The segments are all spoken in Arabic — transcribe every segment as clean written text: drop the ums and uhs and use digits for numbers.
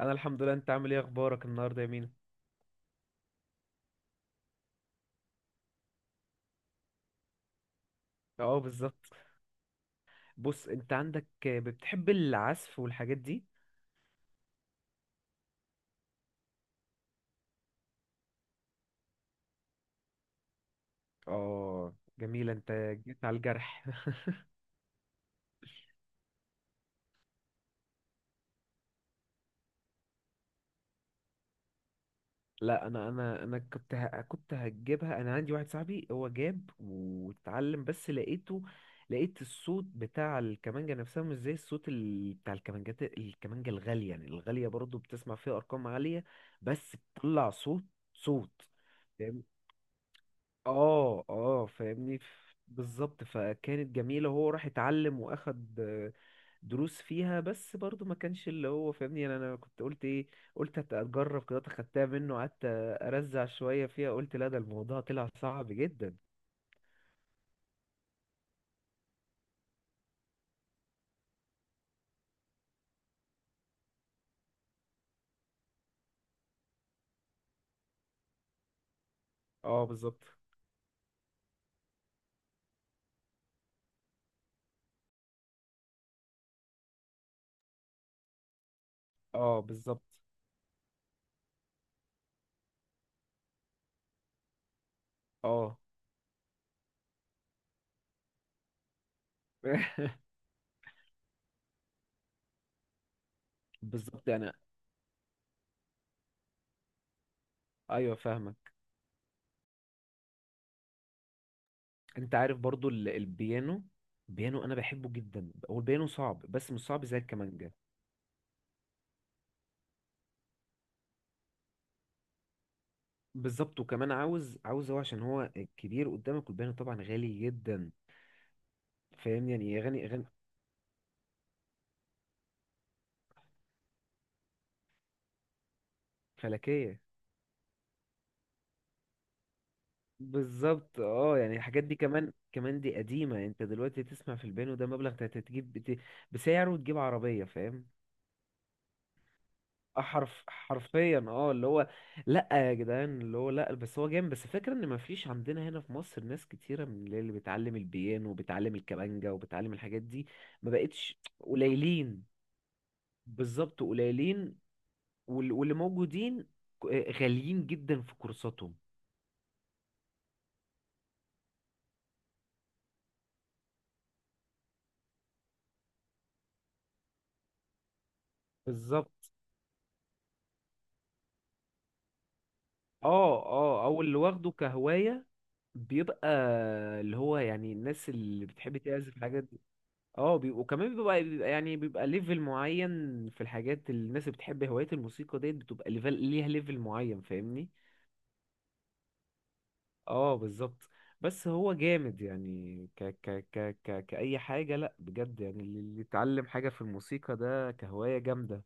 انا الحمد لله، انت عامل ايه؟ اخبارك النهارده يا مينا؟ اه بالظبط. بص، انت عندك بتحب العزف والحاجات دي. اه جميلة انت، جيت على الجرح. لا انا كنت كنت هجيبها، انا عندي واحد صاحبي هو جاب واتعلم، بس لقيته لقيت الصوت بتاع الكمانجة نفسها مش زي الصوت بتاع الكمانجات، الكمانجة الغالية يعني، الغالية برضو بتسمع فيها ارقام عالية. بس بتطلع صوت. اه اه فاهمني، بالظبط. فكانت جميلة، هو راح اتعلم واخد دروس فيها، بس برضو ما كانش اللي هو فاهمني، انا كنت قلت ايه؟ قلت اجرب كده، اخدتها منه، قعدت ارزع شوية فيها، قلت لا، ده الموضوع طلع صعب جدا. اه بالظبط. اه بالظبط. اه. بالظبط انا. ايوه فاهمك. انت عارف برضو البيانو، البيانو انا بحبه جدا. هو البيانو صعب، بس مش صعب زي الكمانجا. بالظبط. وكمان عاوز هو عشان هو كبير قدامك، والبيانو طبعا غالي جدا. فاهم، يعني اغاني فلكيه. بالظبط اه. يعني الحاجات دي كمان دي قديمه. انت دلوقتي تسمع في البيانو ده مبلغ انت هتجيب بسعره وتجيب عربيه، فاهم؟ حرف حرفيا. اه اللي هو لا يا جدعان، اللي هو لا، بس هو جامد. بس فكرة ان مفيش عندنا هنا في مصر ناس كتيره من اللي بتعلم البيانو وبتعلم الكمانجا وبتعلم الحاجات دي. ما بقتش قليلين. بالظبط قليلين. واللي موجودين ك- غاليين جدا في كورساتهم. بالظبط. اه اه، او اللي واخده كهواية بيبقى، اللي هو يعني الناس اللي بتحب تعزف الحاجات دي. وكمان بيبقى يعني بيبقى ليفل معين. في الحاجات اللي الناس اللي بتحب هواية الموسيقى ديت، بتبقى ليفل، ليها ليفل معين، فاهمني؟ اه بالظبط. بس هو جامد يعني، كأي حاجة. لا بجد، يعني اللي يتعلم حاجة في الموسيقى ده كهواية جامدة.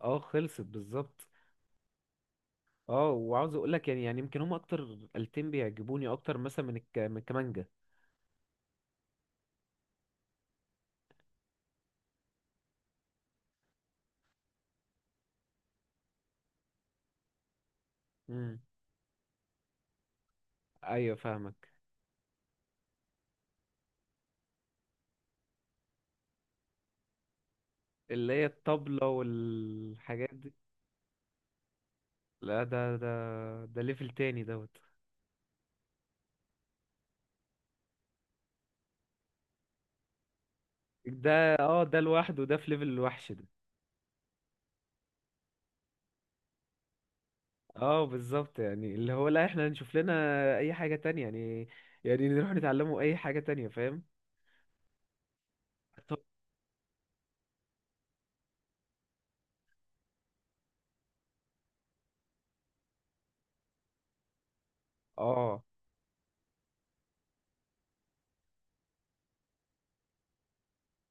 اه خلصت، بالظبط. اه، وعاوز اقول لك يعني، يعني يمكن هم اكتر آلتين بيعجبوني اكتر مثلا من من الكمانجا. امم. ايوه فاهمك. اللي هي الطبلة والحاجات دي. لا، ده ليفل تاني دوت ده. اه ده لوحده ده في ليفل الوحش ده. اه بالظبط، يعني اللي هو لا، احنا نشوف لنا اي حاجة تانية يعني، يعني نروح نتعلمه اي حاجة تانية، فاهم؟ طب اه.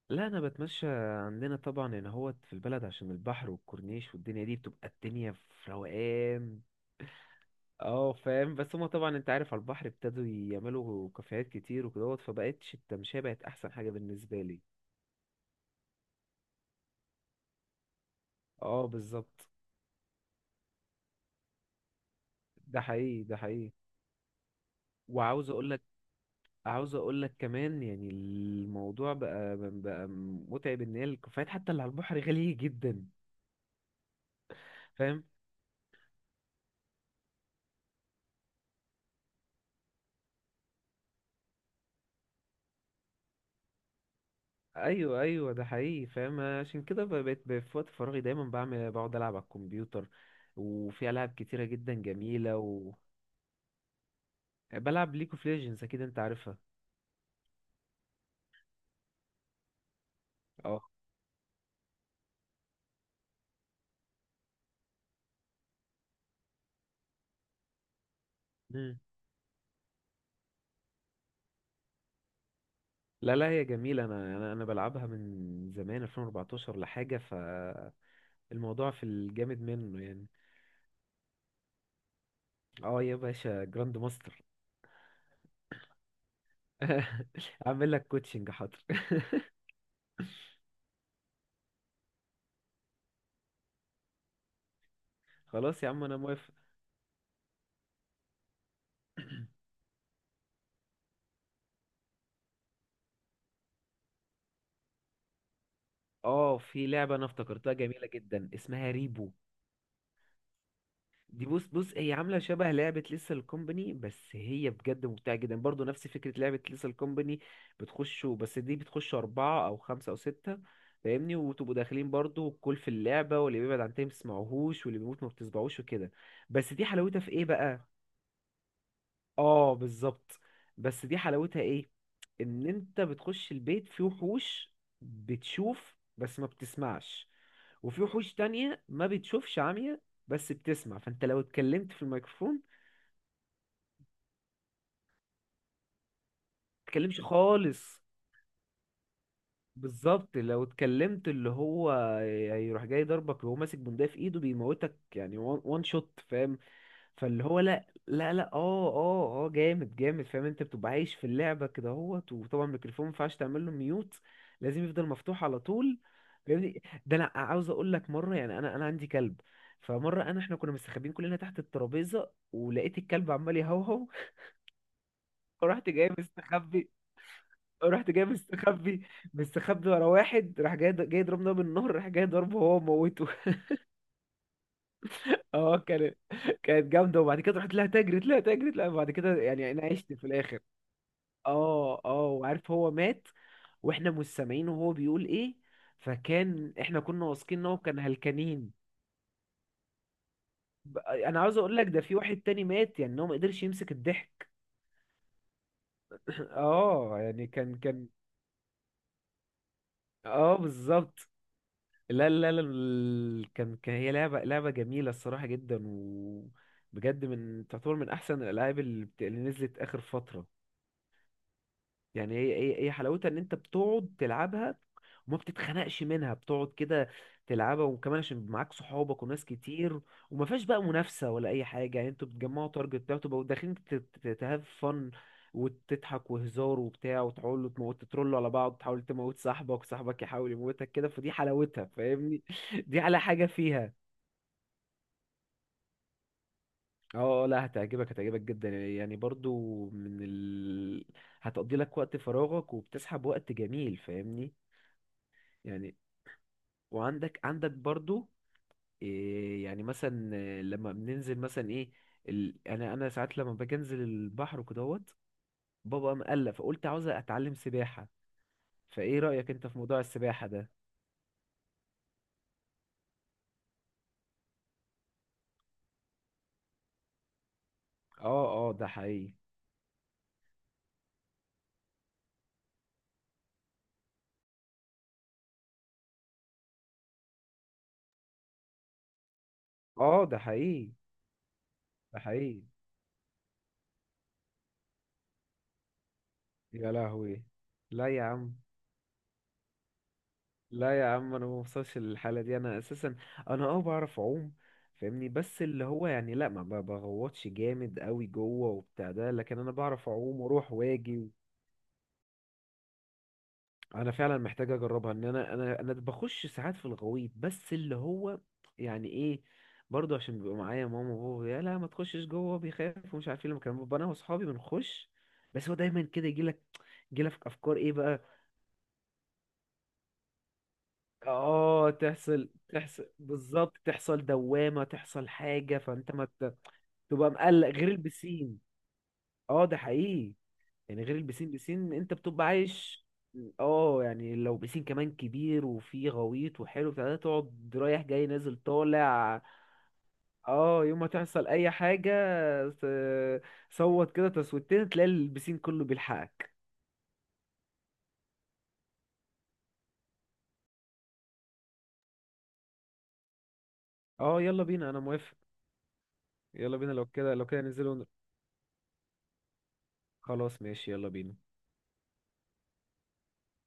لا انا بتمشى عندنا طبعا هنا، هو في البلد عشان البحر والكورنيش والدنيا دي، بتبقى الدنيا في روقان. اه فاهم، بس هما طبعا انت عارف على البحر ابتدوا يعملوا كافيهات كتير وكدهوت، فبقتش التمشية بقت احسن حاجة بالنسبة لي. اه بالظبط. ده حقيقي. وعاوز اقول لك كمان، يعني الموضوع بقى متعب، ان هي الكافيهات حتى اللي على البحر غالية جدا، فاهم؟ ايوه ده حقيقي فاهم. عشان كده بقيت في وقت فراغي دايما بعمل، بقعد العب على الكمبيوتر، وفي العاب كتيرة جدا جميلة، وبلعب ليج اوف ليجندز، اكيد انت عارفها. اه لا لا، هي جميلة. أنا بلعبها من زمان 2014 لحاجة، فالموضوع في الجامد منه يعني. اه يا باشا، جراند ماستر. أعمل لك كوتشنج، حاضر. خلاص يا عم، أنا موافق. اه في لعبة أنا افتكرتها جميلة جدا، اسمها ريبو. دي بص، هي عاملة شبه لعبة ليسل كومباني، بس هي بجد ممتعة جدا، برضو نفس فكرة لعبة ليسل كومباني. بتخشوا، بس دي بتخشوا أربعة أو خمسة أو ستة، فاهمني؟ وتبقوا داخلين برضو الكل في اللعبة، واللي بيبعد عن التاني ما بتسمعوهوش، واللي بيموت ما بتسمعوش وكده. بس دي حلاوتها في إيه بقى؟ آه بالظبط. بس دي حلاوتها إيه؟ إن أنت بتخش البيت، في وحوش بتشوف بس ما بتسمعش، وفي وحوش تانية ما بتشوفش، عمية بس بتسمع، فأنت لو اتكلمت في الميكروفون تتكلمش خالص. بالظبط، لو اتكلمت، اللي هو هيروح جاي ضربك وهو ماسك بندقية في ايده، بيموتك يعني، وان شوت، فاهم؟ فاللي هو لا، اه جامد، فاهم؟ انت بتبقى عايش في اللعبة كده اهوت، وطبعا الميكروفون ما ينفعش تعمل له ميوت، لازم يفضل مفتوح على طول، فاهمني؟ ده انا عاوز اقول لك مرة، يعني انا عندي كلب. فمرة انا احنا كنا مستخبيين كلنا تحت الترابيزة، ولقيت الكلب عمال يهوهو. فرحت جاي مستخبي، رحت جاي مستخبي مستخبي ورا واحد، راح جاي جاي ضربنا من النهر، راح جاي ضربه، هو موته. اه كانت جامده، وبعد كده رحت لها، تجرت لها، وبعد كده يعني انا عشت في الاخر. اه اه وعارف هو مات، واحنا مش سامعين وهو بيقول ايه، فكان احنا كنا واثقين ان هو كان هلكانين. انا عاوز اقول لك، ده في واحد تاني مات يعني، إن هو ما قدرش يمسك الضحك. اه يعني كان اه بالظبط. لا، كان هي لعبة، لعبة جميلة الصراحة جدا. وبجد من تعتبر من أحسن الألعاب اللي اللي نزلت آخر فترة. يعني هي حلاوتها ان انت بتقعد تلعبها وما بتتخنقش منها، بتقعد كده تلعبها، وكمان عشان معاك صحابك وناس كتير، وما فيهاش بقى منافسة ولا اي حاجة يعني. انتوا بتجمعوا تارجت بتاعه، تبقوا داخلين تهاف فن، وتضحك وهزار وبتاع، وتحاولوا تموت، تترولوا على بعض، تحاول تموت صاحبك، وصاحبك يحاول يموتك كده، فدي حلاوتها، فاهمني؟ دي على حاجة فيها. اه آه، لا هتعجبك جدا يعني، برضو من هتقضي لك وقت فراغك، وبتسحب وقت جميل، فاهمني؟ يعني، وعندك برضو إيه يعني، مثلا إيه، لما بننزل مثلا ايه انا ساعات لما باجي انزل البحر وكدهوت، بابا مقلق، فقلت عاوز اتعلم سباحة. فايه رأيك انت في موضوع السباحة ده؟ اه اه ده حقيقي. اه ده حقيقي. يا لهوي. لا يا عم، لا يا عم، انا ما بوصلش للحالة دي، انا اساسا انا اه بعرف اعوم، فاهمني؟ بس اللي هو يعني لا، ما بغوطش جامد قوي جوه وبتاع ده، لكن انا بعرف اعوم واروح واجي. انا فعلا محتاج اجربها، ان انا بخش ساعات في الغويط، بس اللي هو يعني ايه، برضه عشان بيبقى معايا ماما وبابا، يا لا ما تخشش جوه، بيخاف ومش عارف ايه، لما كان بابا انا واصحابي بنخش، بس هو دايما كده يجي لك، يجي لك افكار ايه بقى. اه تحصل بالظبط، تحصل دوامة، تحصل حاجة، فانت ما تبقى مقلق غير البسين. اه ده حقيقي. يعني غير البسين، بسين انت بتبقى عايش. اه يعني لو بسين كمان كبير وفيه غويط وحلو بتاع ده، تقعد رايح جاي نازل طالع. اه يوم ما تحصل اي حاجة، ت- صوت كده تصويتين، تلاقي البسين كله بيلحقك. اه يلا بينا، انا موافق. يلا بينا، لو كده لو كده ننزل خلاص ماشي، يلا بينا.